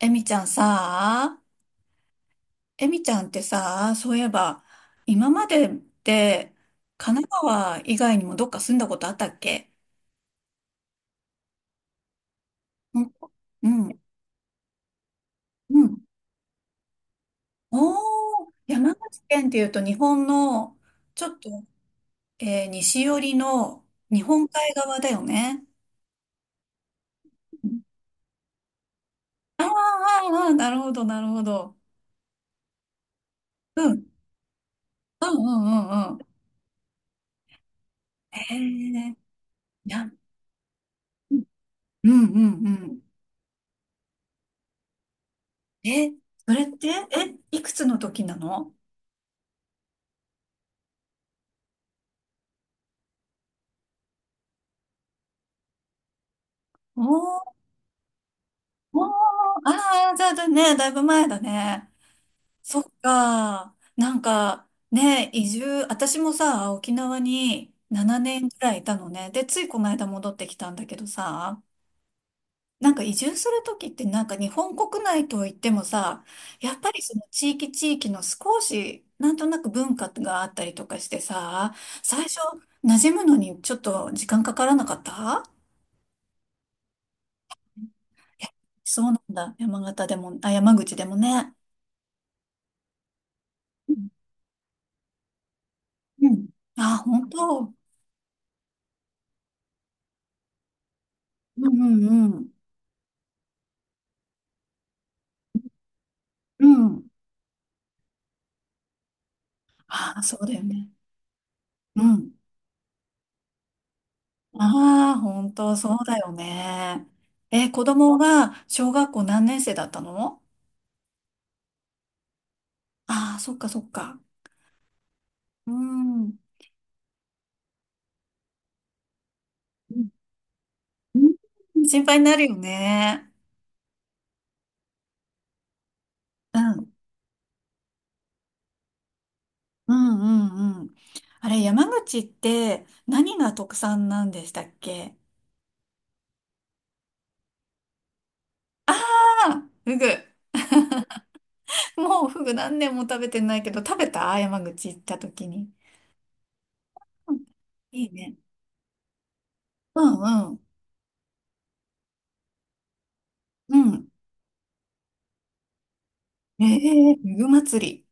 エミちゃんさ、エミちゃんってさ、そういえば、今までって神奈川以外にもどっか住んだことあったっけ？うん、うん、うん。おー、山口県っていうと日本の、ちょっと、西寄りの日本海側だよね。うん、あーあー、あーなるほど、なるほど。うん、うん、うん、うんうん。へえー、いや、うん、うん、うん。うん、え、それって、え、いくつの時なの？おーおー、ああ、じゃあね、だいぶ前だね。そっか。なんか、ね、移住、私もさ、沖縄に7年くらいいたのね。で、ついこの間戻ってきたんだけどさ、なんか移住するときってなんか日本国内といってもさ、やっぱりその地域地域の少し、なんとなく文化があったりとかしてさ、最初、馴染むのにちょっと時間かからなかった？いや、そうなんだ。山形でも、あ、山口でもね。うん。あ、本当。うんうんうん。うん。あ、そうだよね。うん。ああ、本当、そうだよね。え、子供が小学校何年生だったの？ああ、そっかそっか。うん。うんうん、心配になるよね。うん。うんうんうん。あれ、山口って何が特産なんでしたっけ？ああー、フグ。もうフグ何年も食べてないけど、食べた、山口行った時に。うん、いいね。うんうん。うん。ええー、ふぐ祭り。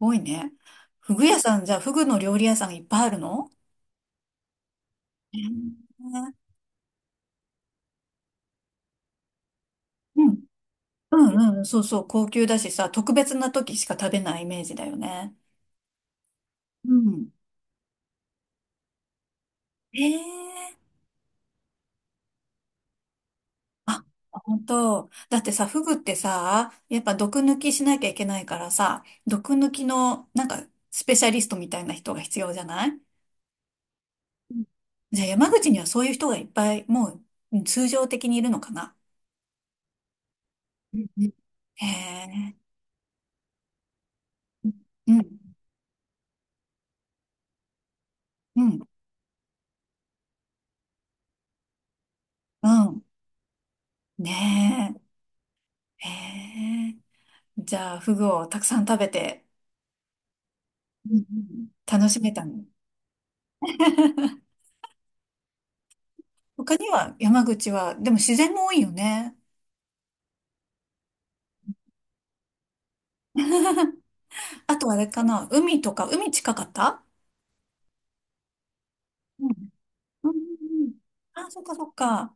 多いね。ふぐ屋さん、じゃあ、ふぐの料理屋さんいっぱいあるの？ええ、うん。うんうん。そうそう。高級だしさ、特別な時しか食べないイメージだよね。うん。ええ、あ、本当。だってさ、フグってさ、やっぱ毒抜きしなきゃいけないからさ、毒抜きの、なんか、スペシャリストみたいな人が必要じゃない？うん、じゃあ、山口にはそういう人がいっぱい、もう、うん、通常的にいるのかな？うんうん、へえ。うん。うん。うん。ねえ。へえ。じゃあ、フグをたくさん食べて、うんうん、楽しめたの？他には、山口は、でも自然も多いよね。あとあれかな、海とか、海近かった？うん。うんうんうん、あ、そっかそっか。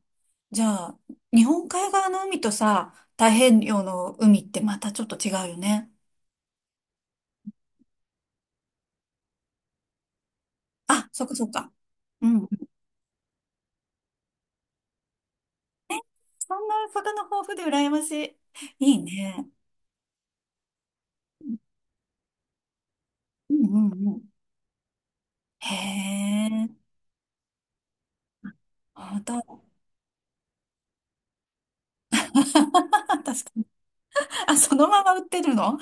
じゃあ、日本海側の海とさ、太平洋の海ってまたちょっと違うよね。あ、そっかそっか。うん、そんな魚豊富で羨ましい。いいね。うんうんうん。へえ。あ、だ、確かに。あ、そのまま売ってるの？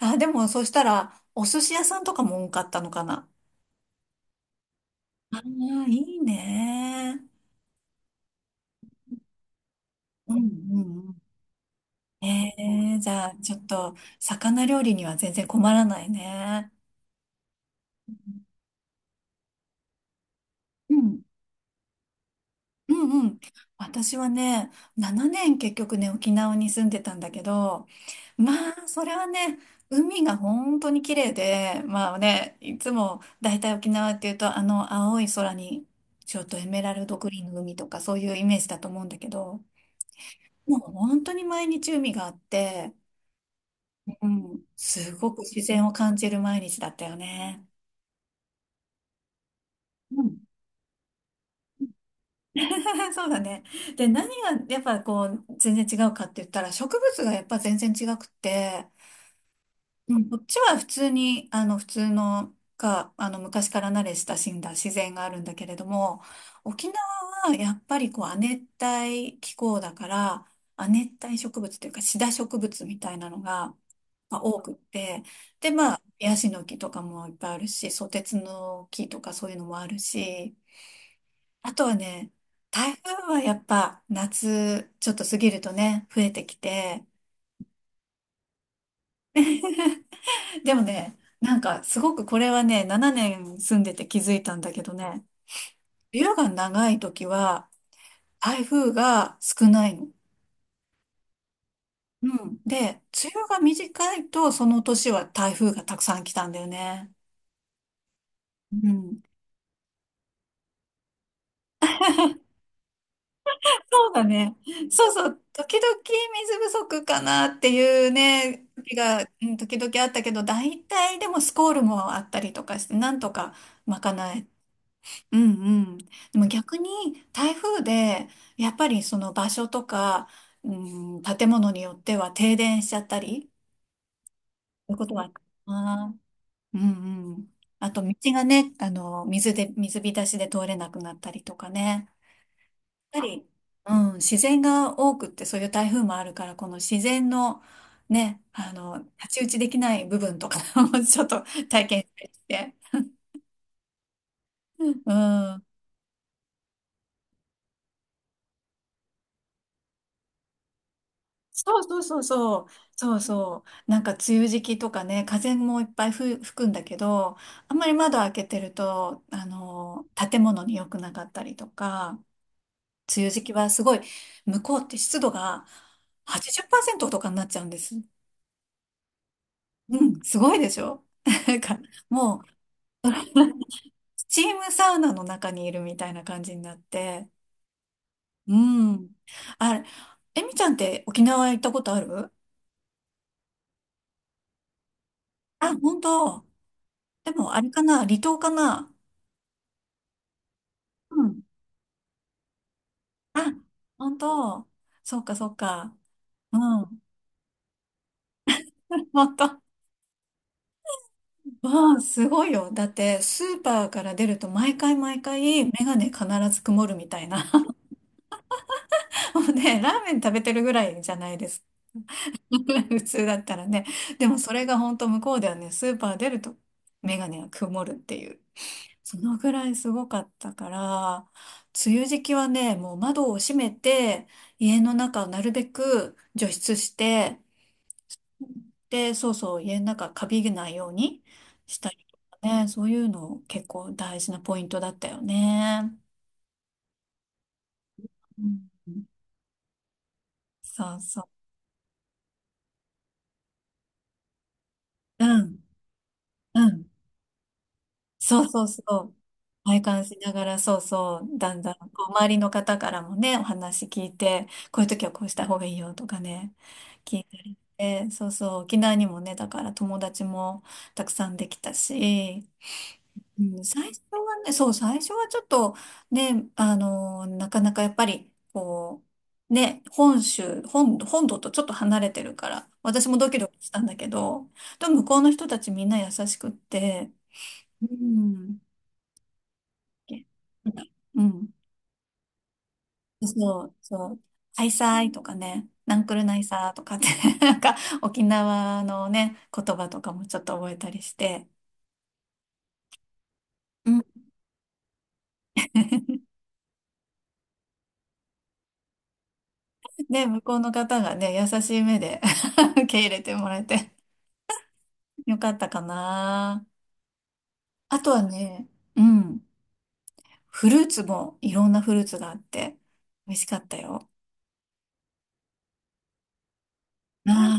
あ、でも、そしたら、お寿司屋さんとかも多かったのかな。ああ、いいね。うんうんうん。ええ、じゃあ、ちょっと、魚料理には全然困らないね。うん。うんうん。私はね、7年結局ね、沖縄に住んでたんだけど、まあ、それはね、海が本当に綺麗で、まあね、いつも大体沖縄っていうと、あの青い空に、ちょっとエメラルドグリーンの海とかそういうイメージだと思うんだけど、もう本当に毎日海があって、うん、すごく自然を感じる毎日だったよね。うん、 そうだね。で、何がやっぱこう全然違うかって言ったら植物がやっぱ全然違くって、うん、こっちは普通に、あの、普通のか、あの、昔から慣れ親しんだ自然があるんだけれども、沖縄はやっぱりこう、亜熱帯気候だから、亜熱帯植物というか、シダ植物みたいなのが、まあ、多くって、で、まあ、ヤシの木とかもいっぱいあるし、ソテツの木とかそういうのもあるし、あとはね、台風はやっぱ夏ちょっと過ぎるとね、増えてきて、でもね、なんかすごくこれはね、7年住んでて気づいたんだけどね、梅雨が長い時は台風が少ないの。うん。で、梅雨が短いとその年は台風がたくさん来たんだよね。うん。そうだね。そうそう。時々水不足かなっていうね、時が、うん、時々あったけど、大体でもスコールもあったりとかして、なんとか賄え、うんうん。でも逆に台風でやっぱりその場所とか、うん、建物によっては停電しちゃったり、そういうことはあるかな。うんうん。あと道がね、あの、水で、水浸しで通れなくなったりとかね。やっぱり、うん、自然が多くってそういう台風もあるから、この自然のね、あの、太刀打ちできない部分とか もちょっと体験して、うん。そうそうそうそう。そうそう。なんか梅雨時期とかね、風もいっぱい吹くんだけど、あんまり窓開けてると、あの、建物に良くなかったりとか、梅雨時期はすごい、向こうって湿度が80%とかになっちゃうんです。うん、すごいでしょ？ なんか、もう、スチームサウナの中にいるみたいな感じになって、うん。あれ、えみちゃんって沖縄行ったことある？あ、本当。でも、あれかな、離島かな？あ、本当。そっかそっか。うん。本当。うん、すごいよ。だって、スーパーから出ると毎回毎回、メガネ必ず曇るみたいな。もうね、ラーメン食べてるぐらいじゃないですか。普通だったらね。でもそれが本当向こうではね、スーパー出るとメガネが曇るっていう。そのぐらいすごかったから、梅雨時期はね、もう窓を閉めて、家の中をなるべく除湿して、で、そうそう、家の中カビがないようにしたりとかね、そういうの結構大事なポイントだったよね。うん、そうそう。うん、うん。そうそうそう。体感しながら、そうそう、だんだん、こう、周りの方からもね、お話聞いて、こういう時はこうした方がいいよとかね、聞いたりして、そうそう、沖縄にもね、だから友達もたくさんできたし、うん、最初はね、そう、最初はちょっと、ね、あの、なかなかやっぱり、こう、ね、本州、本土とちょっと離れてるから、私もドキドキしたんだけど、でも向こうの人たちみんな優しくって、うん、な、うん、そう、そう、ハイサイとかね、ナンクルナイサーとかって なんか沖縄のね、言葉とかもちょっと覚えたりして、うん、で、向こうの方がね、優しい目で 受け入れてもらえて、よかったかな。あとはね、うん。フルーツもいろんなフルーツがあって、美味しかったよ。ああ、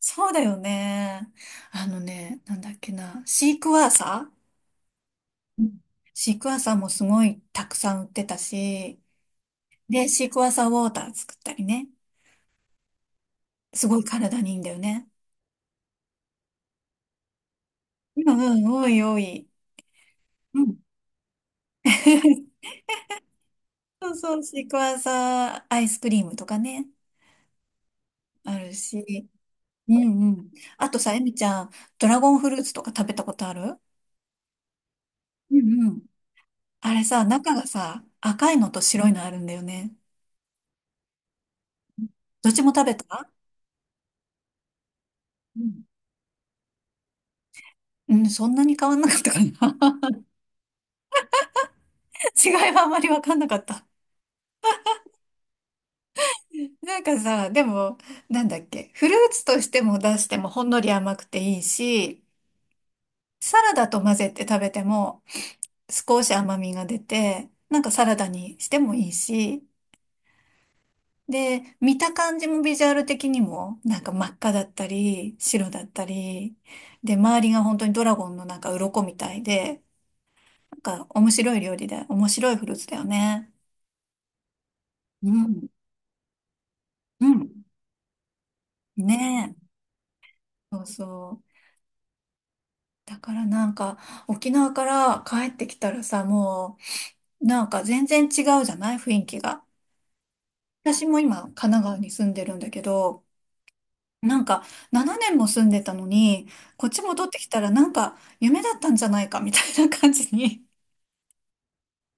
そうだよね。あのね、なんだっけな。シークワーサー、うん、シークワーサーもすごいたくさん売ってたし、で、シークワーサーウォーター作ったりね。すごい体にいいんだよね。うんうん、おいおい。うん。そうそう、シークワーサーアイスクリームとかね、あるし。うんうん。あとさ、えみちゃん、ドラゴンフルーツとか食べたことある？うんうん。あれさ、中がさ、赤いのと白いのあるんだよね。どっちも食べた？うん。うん、そんなに変わんなかったかな。違いはあまりわかんなかった。なんかさ、でも、なんだっけ、フルーツとしても出してもほんのり甘くていいし、サラダと混ぜて食べても少し甘みが出て、なんかサラダにしてもいいし、で、見た感じもビジュアル的にも、なんか真っ赤だったり、白だったり、で、周りが本当にドラゴンのなんか鱗みたいで、なんか面白い料理で、面白いフルーツだよね。うん、うん。ねえ。そうそう。だからなんか、沖縄から帰ってきたらさ、もう、なんか全然違うじゃない、雰囲気が。私も今、神奈川に住んでるんだけど、なんか、7年も住んでたのに、こっち戻ってきたらなんか夢だったんじゃないかみたいな感じに、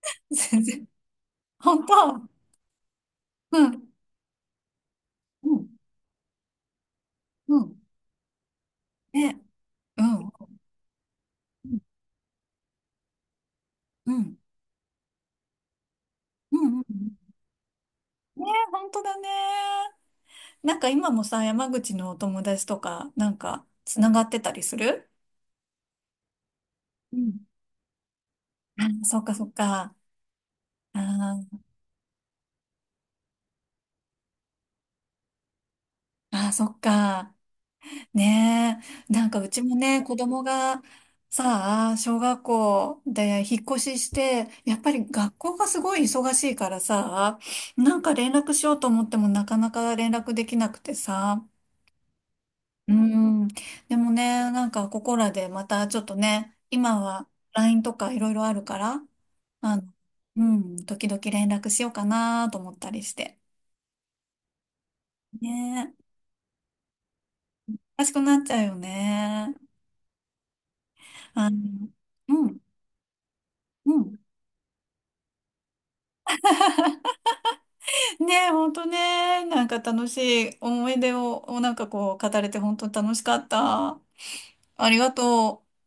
全然、本当、うん、うん、うん、ね、うん、うん、うん、うん、うん、ね、本当だね。なんか今もさ、山口のお友達とか、なんか、つながってたりする？うん。あ、そっかそっか。あーあー、そっか。ねえ、なんかうちもね、子供がさあ、小学校で引っ越しして、やっぱり学校がすごい忙しいからさ、なんか連絡しようと思ってもなかなか連絡できなくてさ、うん、でもね、なんかここらでまたちょっとね、今は LINE とかいろいろあるから、あの、うん、時々連絡しようかなと思ったりして。ねえ、おかしくなっちゃうよね。あの、うん、うん。ねえ、ほんとね、なんか楽しい思い出を、なんかこう、語れて本当楽しかった。ありがとう。